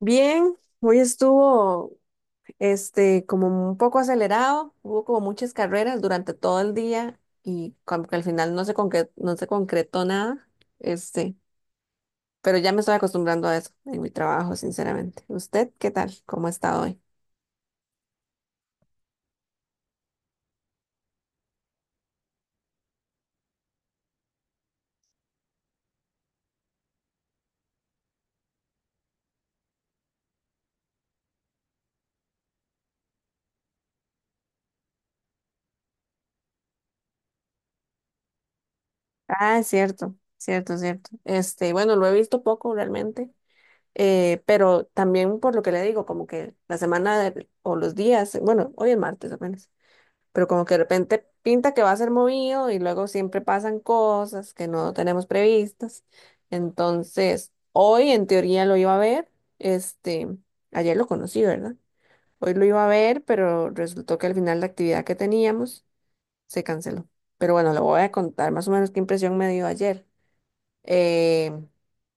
Bien, hoy estuvo como un poco acelerado, hubo como muchas carreras durante todo el día y como que al final no se concretó nada. este, pero ya me estoy acostumbrando a eso en mi trabajo, sinceramente. ¿Usted qué tal? ¿Cómo ha estado hoy? Ah, es cierto, cierto, cierto. Bueno, lo he visto poco realmente, pero también por lo que le digo, como que o los días, bueno, hoy es martes apenas. Pero como que de repente pinta que va a ser movido y luego siempre pasan cosas que no tenemos previstas. Entonces, hoy en teoría lo iba a ver. este, Ayer lo conocí, ¿verdad? Hoy lo iba a ver, pero resultó que al final la actividad que teníamos se canceló. Pero bueno, le voy a contar más o menos qué impresión me dio ayer. Eh,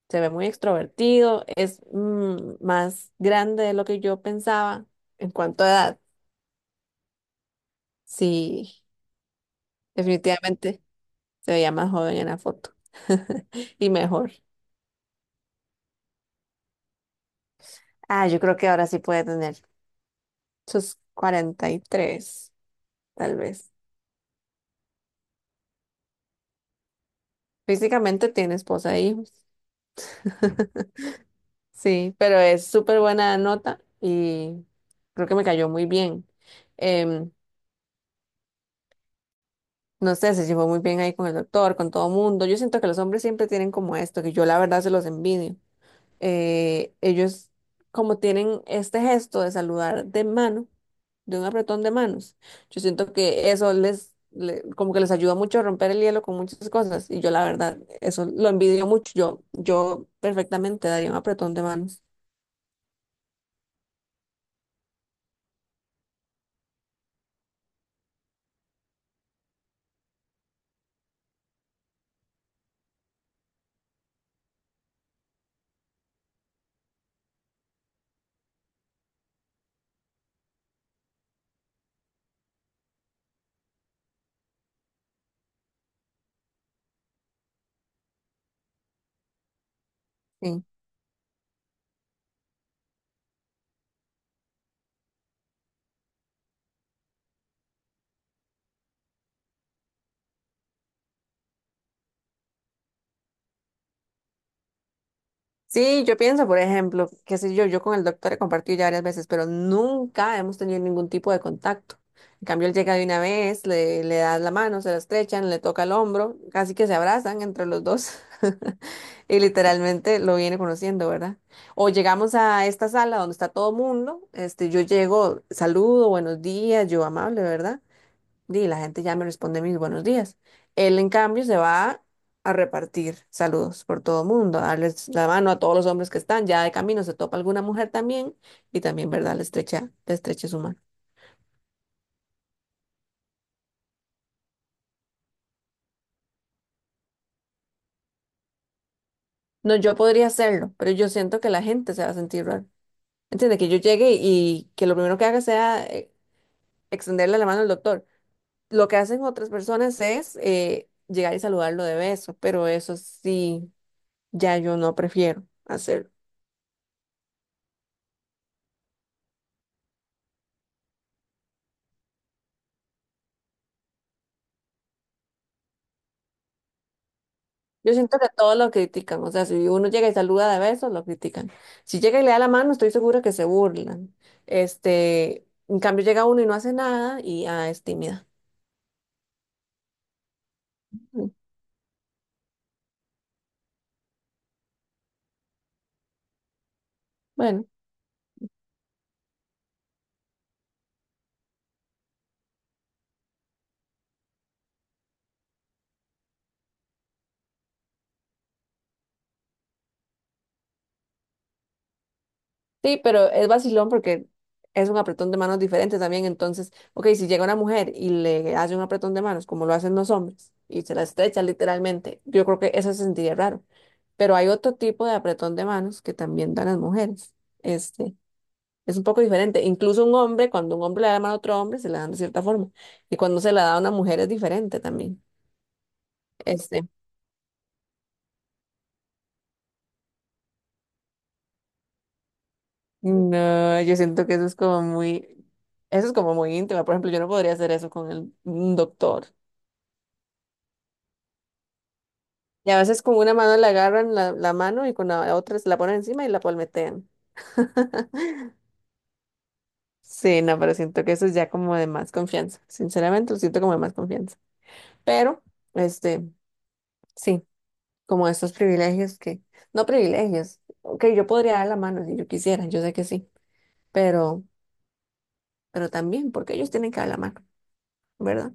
Se ve muy extrovertido, es más grande de lo que yo pensaba en cuanto a edad. Sí, definitivamente. Se veía más joven en la foto. Y mejor. Ah, yo creo que ahora sí puede tener. Sus 43, tal vez. Físicamente tiene esposa e hijos. Sí, pero es súper buena nota y creo que me cayó muy bien. Em, no sé, se llevó muy bien ahí con el doctor, con todo mundo. Yo siento que los hombres siempre tienen como esto, que yo la verdad se los envidio. Eh, ellos como tienen este gesto de saludar de mano, de un apretón de manos, yo siento que eso como que les ayuda mucho a romper el hielo con muchas cosas y yo la verdad, eso lo envidio mucho, yo perfectamente daría un apretón de manos. Sí, yo pienso, por ejemplo, qué sé yo, yo con el doctor he compartido ya varias veces, pero nunca hemos tenido ningún tipo de contacto. En cambio, él llega de una vez, le das la mano, se la estrechan, le toca el hombro, casi que se abrazan entre los dos y literalmente lo viene conociendo, ¿verdad? O llegamos a esta sala donde está todo mundo, yo llego, saludo, buenos días, yo amable, ¿verdad? Y la gente ya me responde mis buenos días. Él, en cambio, se va a repartir saludos por todo el mundo, a darles la mano a todos los hombres que están. Ya de camino se topa alguna mujer también y también, ¿verdad? Le estrecha su mano. No, yo podría hacerlo, pero yo siento que la gente se va a sentir raro. Entiende que yo llegue y que lo primero que haga sea extenderle la mano al doctor. Lo que hacen otras personas es llegar y saludarlo de beso, pero eso sí, ya yo no prefiero hacerlo. Yo siento que todos lo critican, o sea, si uno llega y saluda de besos, lo critican. Si llega y le da la mano, estoy segura que se burlan. En cambio llega uno y no hace nada y ah, es tímida. Mm. Bueno, sí, pero es vacilón porque es un apretón de manos diferente también. Entonces, ok, si llega una mujer y le hace un apretón de manos, como lo hacen los hombres, y se la estrecha literalmente, yo creo que eso se sentiría raro. Pero hay otro tipo de apretón de manos que también dan las mujeres. Este, Es un poco diferente. Incluso un hombre, cuando un hombre le da la mano a otro hombre, se la dan de cierta forma. Y cuando se la da a una mujer es diferente también. Este, no, yo siento que eso es como muy, eso es como muy íntimo. Por ejemplo, yo no podría hacer eso con un doctor. Y a veces con una mano le agarran la mano y con la otra se la ponen encima y la palmetean. Sí, no, pero siento que eso es ya como de más confianza. Sinceramente, lo siento como de más confianza. Pero, este, sí. Como estos no privilegios, ok, yo podría dar la mano si yo quisiera, yo sé que sí, pero, pero también, porque ellos tienen que dar la mano, ¿verdad?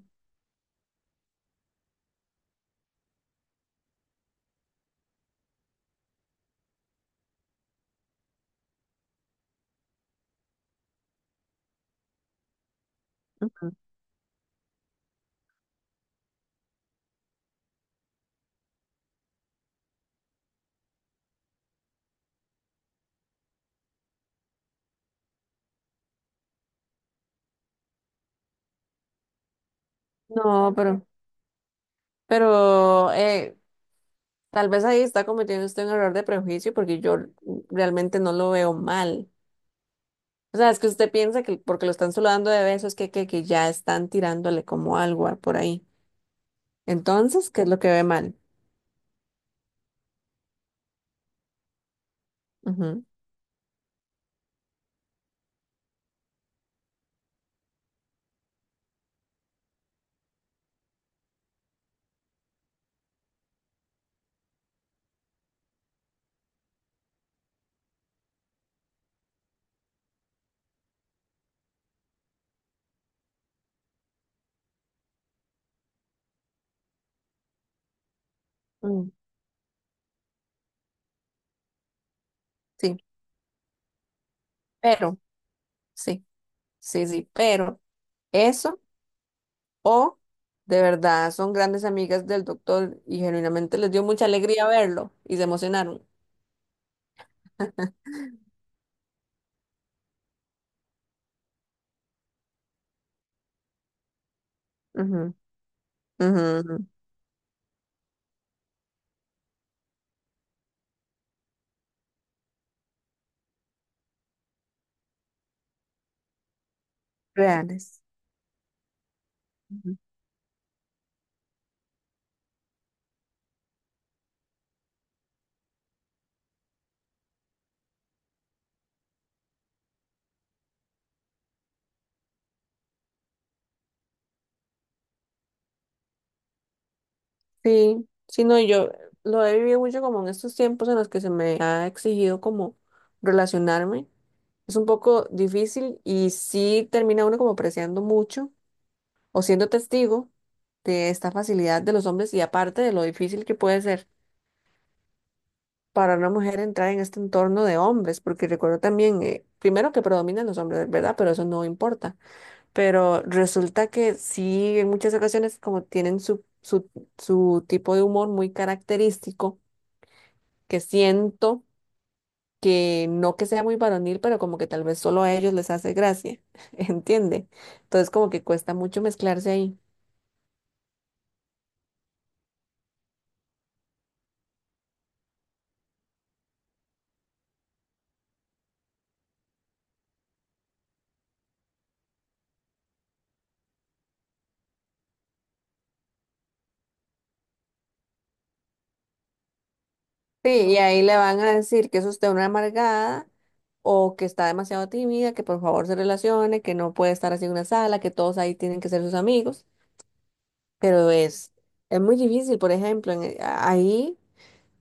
Ujú. No, pero, pero eh, tal vez ahí está cometiendo usted un error de prejuicio porque yo realmente no lo veo mal. O sea, es que usted piensa que porque lo están saludando de besos que ya están tirándole como algo por ahí. Entonces, ¿qué es lo que ve mal? Ujú, mm, sí, pero, sí, sí, pero eso. O de verdad son grandes amigas del doctor y genuinamente les dio mucha alegría verlo y se emocionaron. Ujú, ujú, ujú. Reales. Ujú. Sí, sí, no, y yo lo he vivido mucho como en estos tiempos en los que se me ha exigido como relacionarme. Es un poco difícil y sí termina uno como apreciando mucho o siendo testigo de esta facilidad de los hombres y aparte de lo difícil que puede ser para una mujer entrar en este entorno de hombres, porque recuerdo también, primero que predominan los hombres, ¿verdad? Pero eso no importa. Pero resulta que sí, en muchas ocasiones como tienen su tipo de humor muy característico, que siento que no que sea muy varonil, pero como que tal vez solo a ellos les hace gracia, ¿entiende? Entonces como que cuesta mucho mezclarse ahí. Sí, y ahí le van a decir que es usted una amargada o que está demasiado tímida, que por favor se relacione, que no puede estar así en una sala, que todos ahí tienen que ser sus amigos, pero es, es muy difícil, por ejemplo, ahí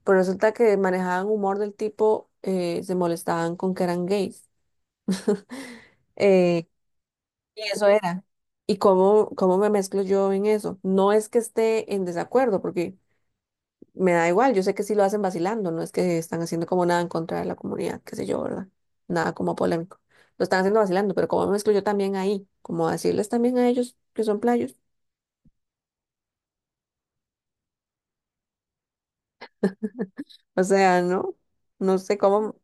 pues resulta que manejaban humor del tipo, se molestaban con que eran gays. eh, y eso era. Cómo me mezclo yo en eso? No es que esté en desacuerdo, porque... Me da igual, yo sé que sí lo hacen vacilando, no es que están haciendo como nada en contra de la comunidad, qué sé yo, ¿verdad? Nada como polémico. Lo están haciendo vacilando, pero como me excluyo también ahí, como decirles también a ellos que son playos. O sea, no, no sé cómo,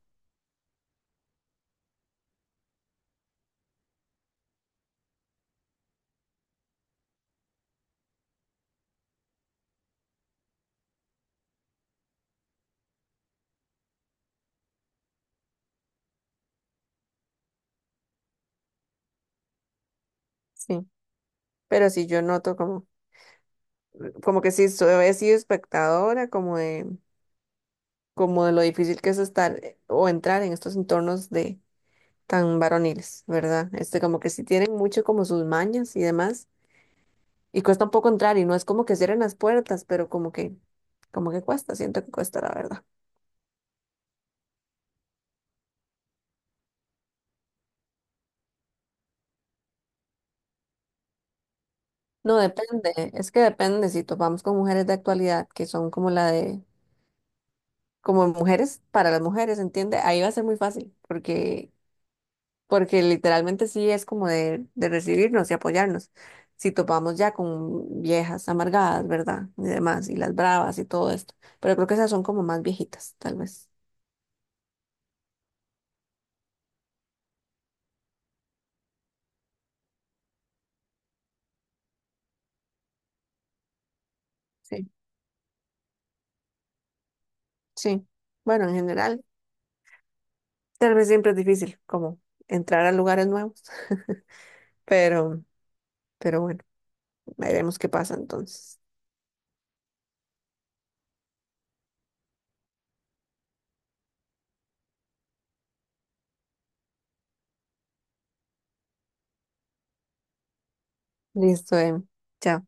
sí, pero sí yo noto como que sí, soy he sido espectadora, como de lo difícil que es estar o entrar en estos entornos de tan varoniles, ¿verdad? Como que sí tienen mucho como sus mañas y demás. Y cuesta un poco entrar y no es como que cierren las puertas, pero como que cuesta, siento que cuesta la verdad. No, depende, es que depende si topamos con mujeres de actualidad que son como mujeres para las mujeres, ¿entiende? Ahí va a ser muy fácil, porque literalmente sí es de recibirnos y apoyarnos. Si topamos ya con viejas amargadas, ¿verdad? Y demás, y las bravas y todo esto. Pero creo que esas son como más viejitas, tal vez. Sí. Sí. Bueno, en general. Tal vez siempre es difícil como entrar a lugares nuevos, pero, pero bueno, veremos qué pasa entonces. Listo, chao.